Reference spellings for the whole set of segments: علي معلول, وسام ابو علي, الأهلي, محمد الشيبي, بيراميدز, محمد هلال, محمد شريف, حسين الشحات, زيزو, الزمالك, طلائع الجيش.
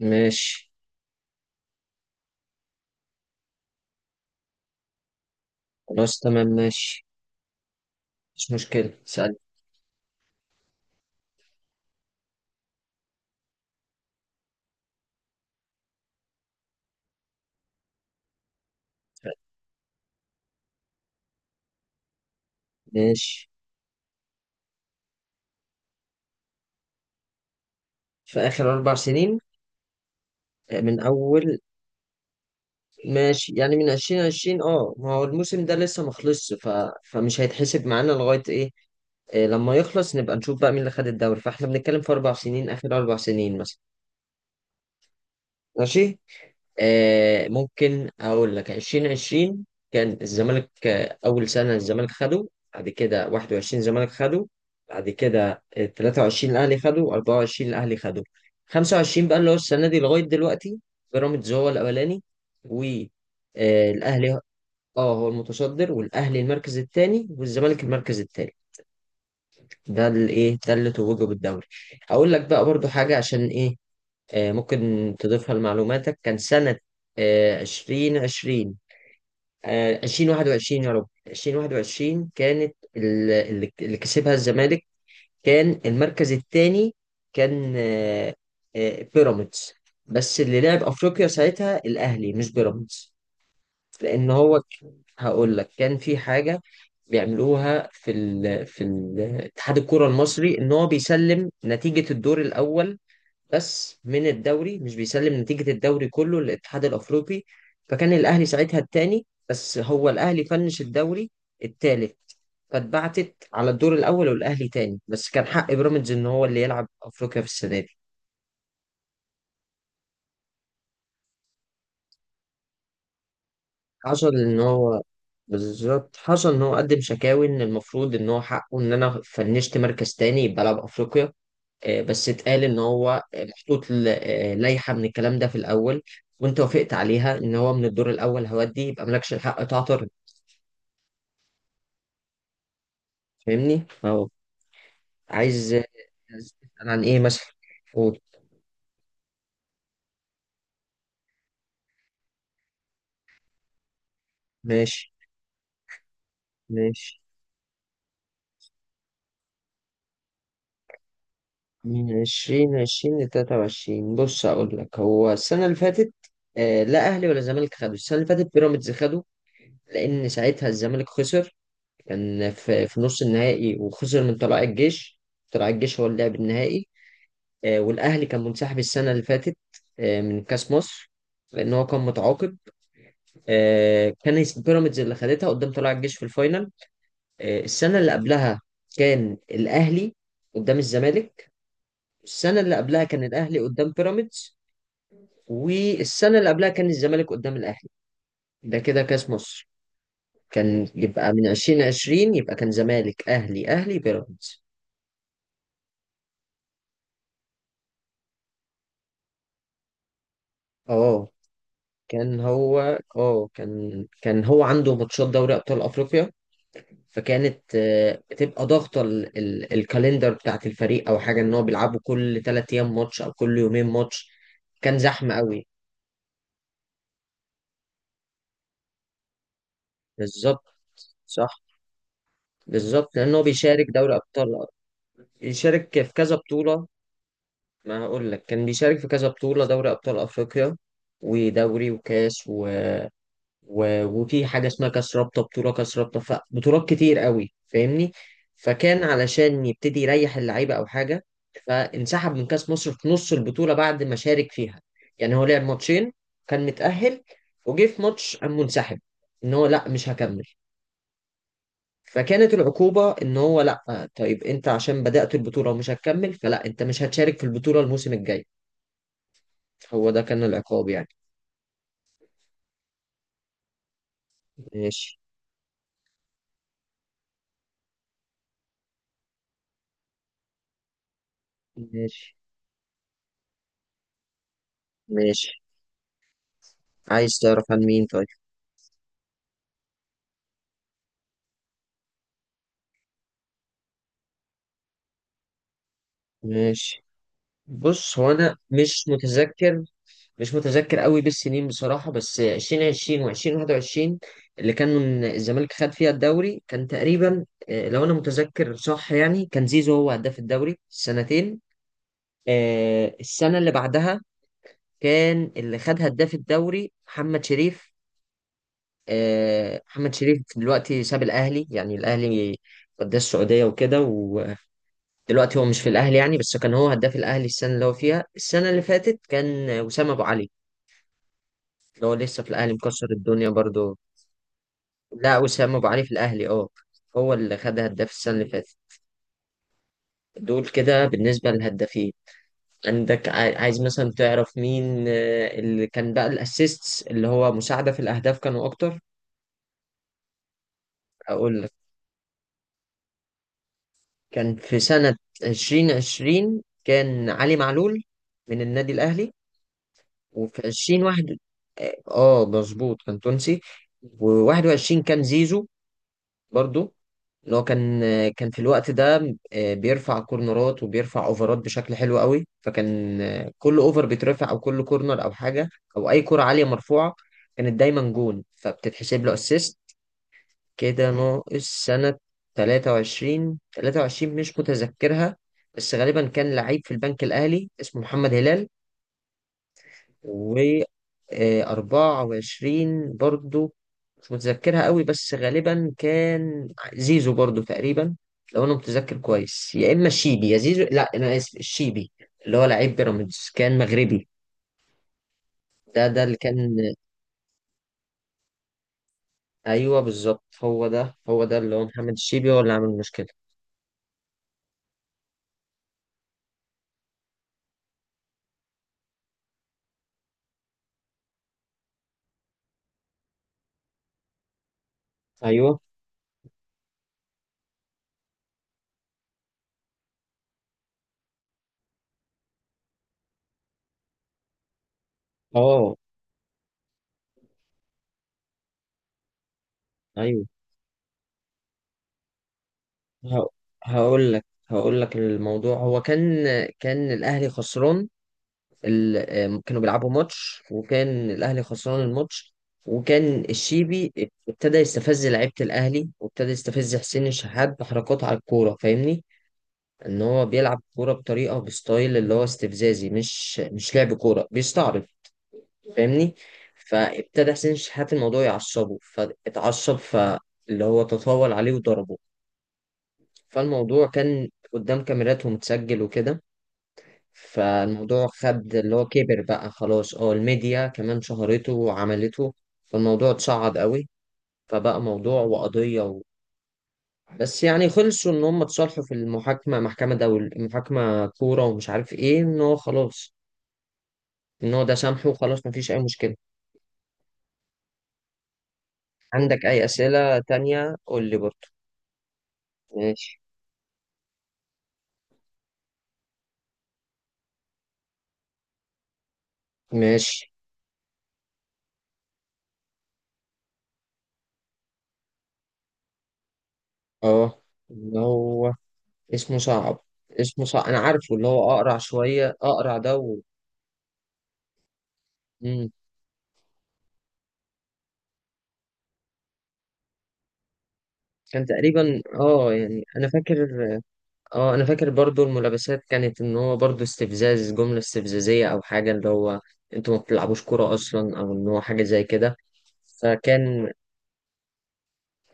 ماشي. خلاص تمام ماشي. مش مشكلة، سأل. ماشي. في آخر أربع سنين، من أول. ماشي، يعني من عشرين عشرين، ما هو الموسم ده لسه مخلصش. فمش هيتحسب معانا لغاية إيه. إيه، لما يخلص نبقى نشوف بقى مين اللي خد الدوري، فاحنا بنتكلم في أربع سنين، آخر أربع سنين مثلا. ماشي، ممكن اقول لك 2020 كان الزمالك، اول سنه الزمالك خده. بعد كده 21 الزمالك خده. بعد كده 23 الاهلي خده، 24 الاهلي خده. 25 بقى اللي هو السنه دي لغايه دلوقتي، بيراميدز هو الاولاني والاهلي. اه هو المتصدر، والاهلي المركز الثاني والزمالك المركز الثالث. ده ده اللي توجه بالدوري. اقول لك بقى برضو حاجه عشان ايه، ممكن تضيفها لمعلوماتك. كان سنة عشرين عشرين، آه، عشرين واحد وعشرين يا رب عشرين واحد وعشرين كانت اللي كسبها الزمالك. كان المركز الثاني كان بيراميدز، بس اللي لعب أفريقيا ساعتها الأهلي مش بيراميدز. لأن هو ك- هقول لك كان في حاجة بيعملوها في ال اتحاد الكرة المصري، إن هو بيسلم نتيجة الدور الأول بس من الدوري، مش بيسلم نتيجة الدوري كله للاتحاد الأفريقي. فكان الأهلي ساعتها التاني، بس هو الأهلي فنش الدوري التالت. فاتبعتت على الدور الأول والأهلي تاني، بس كان حق بيراميدز إن هو اللي يلعب أفريقيا في السنة دي. حصل إن هو بالظبط، حصل إن هو قدم شكاوي إن المفروض إن هو حقه، إن أنا فنشت مركز تاني يبقى ألعب أفريقيا. بس اتقال ان هو محطوط لائحه من الكلام ده في الاول، وانت وافقت عليها، ان هو من الدور الاول هودي، يبقى مالكش الحق تعترض. فاهمني؟ فهو عايز عايز تسأل عن ايه مثلا؟ قول. ماشي. ماشي. من عشرين عشرين لتلاتة وعشرين، بص أقول لك هو السنة اللي فاتت آه لا أهلي ولا زمالك خدوا. السنة اللي فاتت بيراميدز خدوا، لأن ساعتها الزمالك خسر، كان في نص النهائي وخسر من طلائع الجيش. طلائع الجيش هو اللي لعب النهائي. والأهلي كان منسحب السنة اللي فاتت من كأس مصر، لأن هو كان متعاقب. كان بيراميدز اللي خدتها قدام طلائع الجيش في الفاينل. السنة اللي قبلها كان الأهلي قدام الزمالك. السنة اللي قبلها كان الأهلي قدام بيراميدز، والسنة اللي قبلها كان الزمالك قدام الأهلي. ده كده كأس مصر، كان يبقى من عشرين عشرين يبقى كان زمالك أهلي أهلي بيراميدز. اه كان هو اه كان كان هو عنده ماتشات دوري أبطال أفريقيا، فكانت بتبقى ضاغطه الكالندر بتاعت الفريق او حاجه، ان هو بيلعبوا كل ثلاث ايام ماتش او كل يومين ماتش. كان زحمه قوي. بالظبط. صح. بالظبط، لان هو بيشارك دوري ابطال، بيشارك في كذا بطوله. ما هقول لك كان بيشارك في كذا بطوله، دوري ابطال افريقيا ودوري وكاس وفي حاجة اسمها كاس رابطة، بطولة كاس رابطة، فبطولات كتير قوي، فاهمني؟ فكان علشان يبتدي يريح اللعيبة أو حاجة، فانسحب من كاس مصر في نص البطولة بعد ما شارك فيها. يعني هو لعب ماتشين، كان متأهل، وجه في ماتش قام منسحب، إن هو لأ مش هكمل. فكانت العقوبة إن هو لأ، طيب أنت عشان بدأت البطولة ومش هتكمل، فلأ أنت مش هتشارك في البطولة الموسم الجاي. هو ده كان العقاب يعني. ماشي. ماشي. ماشي. عايز تعرف عن مين طيب؟ ماشي. بص، هو انا مش متذكر، مش متذكر قوي بالسنين بصراحه، بس 2020 و2021 اللي كان من الزمالك خد فيها الدوري، كان تقريبا لو انا متذكر صح يعني، كان زيزو هو هداف الدوري السنتين. السنه اللي بعدها كان اللي خد هداف الدوري محمد شريف. محمد شريف دلوقتي ساب الاهلي، يعني الاهلي قدام السعوديه وكده، ودلوقتي هو مش في الاهلي يعني. بس كان هو هداف الاهلي السنه اللي هو فيها. السنه اللي فاتت كان وسام ابو علي، اللي هو لسه في الاهلي مكسر الدنيا برضو. لا، وسام ابو علي في الاهلي اه، هو اللي خد هداف السنه اللي فاتت. دول كده بالنسبه للهدافين. عندك عايز مثلا تعرف مين اللي كان بقى الاسيستس، اللي هو مساعده في الاهداف، كانوا اكتر؟ اقول لك، كان في سنه 2020 كان علي معلول من النادي الاهلي، وفي 2021 اه مظبوط، كان تونسي. و21 كان زيزو برضو، ان هو كان كان في الوقت ده بيرفع كورنرات وبيرفع اوفرات بشكل حلو قوي، فكان كل اوفر بيترفع او كل كورنر او حاجه او اي كره عاليه مرفوعه، كانت دايما جون فبتتحسب له اسيست. كده ناقص سنه 23. 23 مش متذكرها، بس غالبا كان لعيب في البنك الاهلي اسمه محمد هلال. و24 برضو مش متذكرها قوي، بس غالبا كان زيزو برضو تقريبا، لو انا متذكر كويس، يا اما الشيبي يا زيزو. لا انا اسف، الشيبي، اللي هو لعيب بيراميدز، كان مغربي. ده اللي كان. ايوه بالظبط، هو ده اللي هو محمد الشيبي، هو اللي عامل المشكله. ايوه. اه. ايوه. ه- هقول لك الموضوع. هو كان كان الاهلي خسران، كانوا بيلعبوا ماتش وكان الاهلي خسران الماتش. وكان الشيبي ابتدى يستفز لعيبه الاهلي، وابتدى يستفز حسين الشحات بحركات على الكوره، فاهمني؟ ان هو بيلعب كوره بطريقه، بستايل اللي هو استفزازي، مش لعب كوره، بيستعرض، فاهمني؟ فابتدى حسين الشحات الموضوع يعصبه، فاتعصب، فاللي هو تطاول عليه وضربه. فالموضوع كان قدام كاميرات ومتسجل وكده. فالموضوع خد اللي هو كبر بقى، خلاص اه الميديا كمان شهرته وعملته. فالموضوع اتصعد قوي، فبقى موضوع وقضية. بس يعني خلصوا ان هم اتصالحوا في المحاكمة، محكمة دول محاكمة كورة ومش عارف ايه، ان هو خلاص، ان هو ده سامحه وخلاص، مفيش اي مشكلة. عندك اي اسئلة تانية قول لي برضه. ماشي. ماشي. اه اللي هو اسمه صعب. اسمه صعب، انا عارفه، اللي هو اقرع شوية، اقرع ده و... مم. كان تقريبا اه، يعني انا فاكر اه، انا فاكر برضو الملابسات كانت ان هو برضو استفزاز، جملة استفزازية او حاجة، اللي هو انتوا ما بتلعبوش كورة اصلا، او ان هو حاجة زي كده. فكان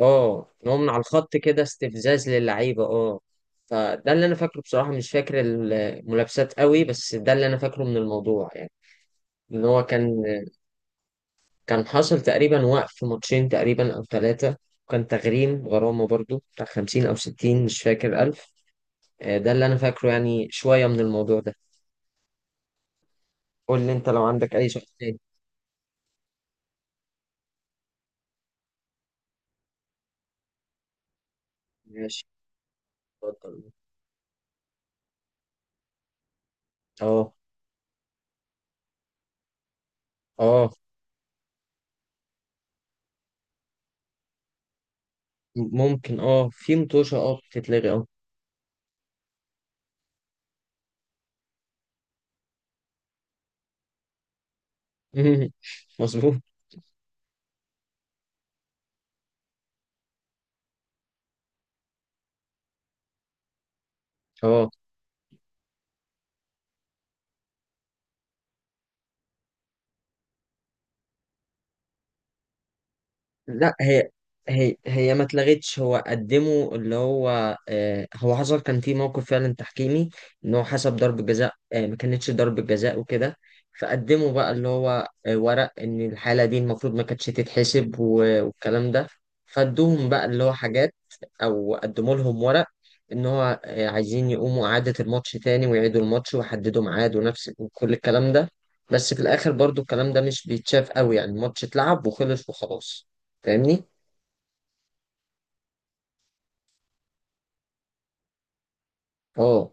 اه ان هو من على الخط كده استفزاز للعيبة اه. فده اللي انا فاكره بصراحة، مش فاكر الملابسات قوي، بس ده اللي انا فاكره من الموضوع يعني. ان هو كان كان حاصل تقريبا وقف ماتشين تقريبا او ثلاثة. كان تغريم، غرامة برضو بتاع خمسين أو ستين، مش فاكر. ده اللي انا فاكره، يعني شويه من الموضوع ده. قول لي انت لو عندك اي سؤال تاني. ماشي. اتفضل. اه. اه ممكن، اه في متوشه اه بتتلغي اه. مظبوط. اه. لا هي ما اتلغتش. هو قدمه اللي هو آه، هو حصل كان في موقف فعلا تحكيمي، ان هو حسب ضربة جزاء آه ما كانتش ضربة جزاء وكده. فقدموا بقى اللي هو آه ورق، ان الحالة دي المفروض ما كانتش تتحسب والكلام ده. فادوهم بقى اللي هو حاجات، او قدموا لهم ورق، ان هو آه عايزين يقوموا اعادة الماتش تاني، ويعيدوا الماتش ويحددوا ميعاد ونفس وكل الكلام ده. بس في الاخر برضو الكلام ده مش بيتشاف قوي، يعني الماتش اتلعب وخلص وخلاص، فاهمني؟ اه.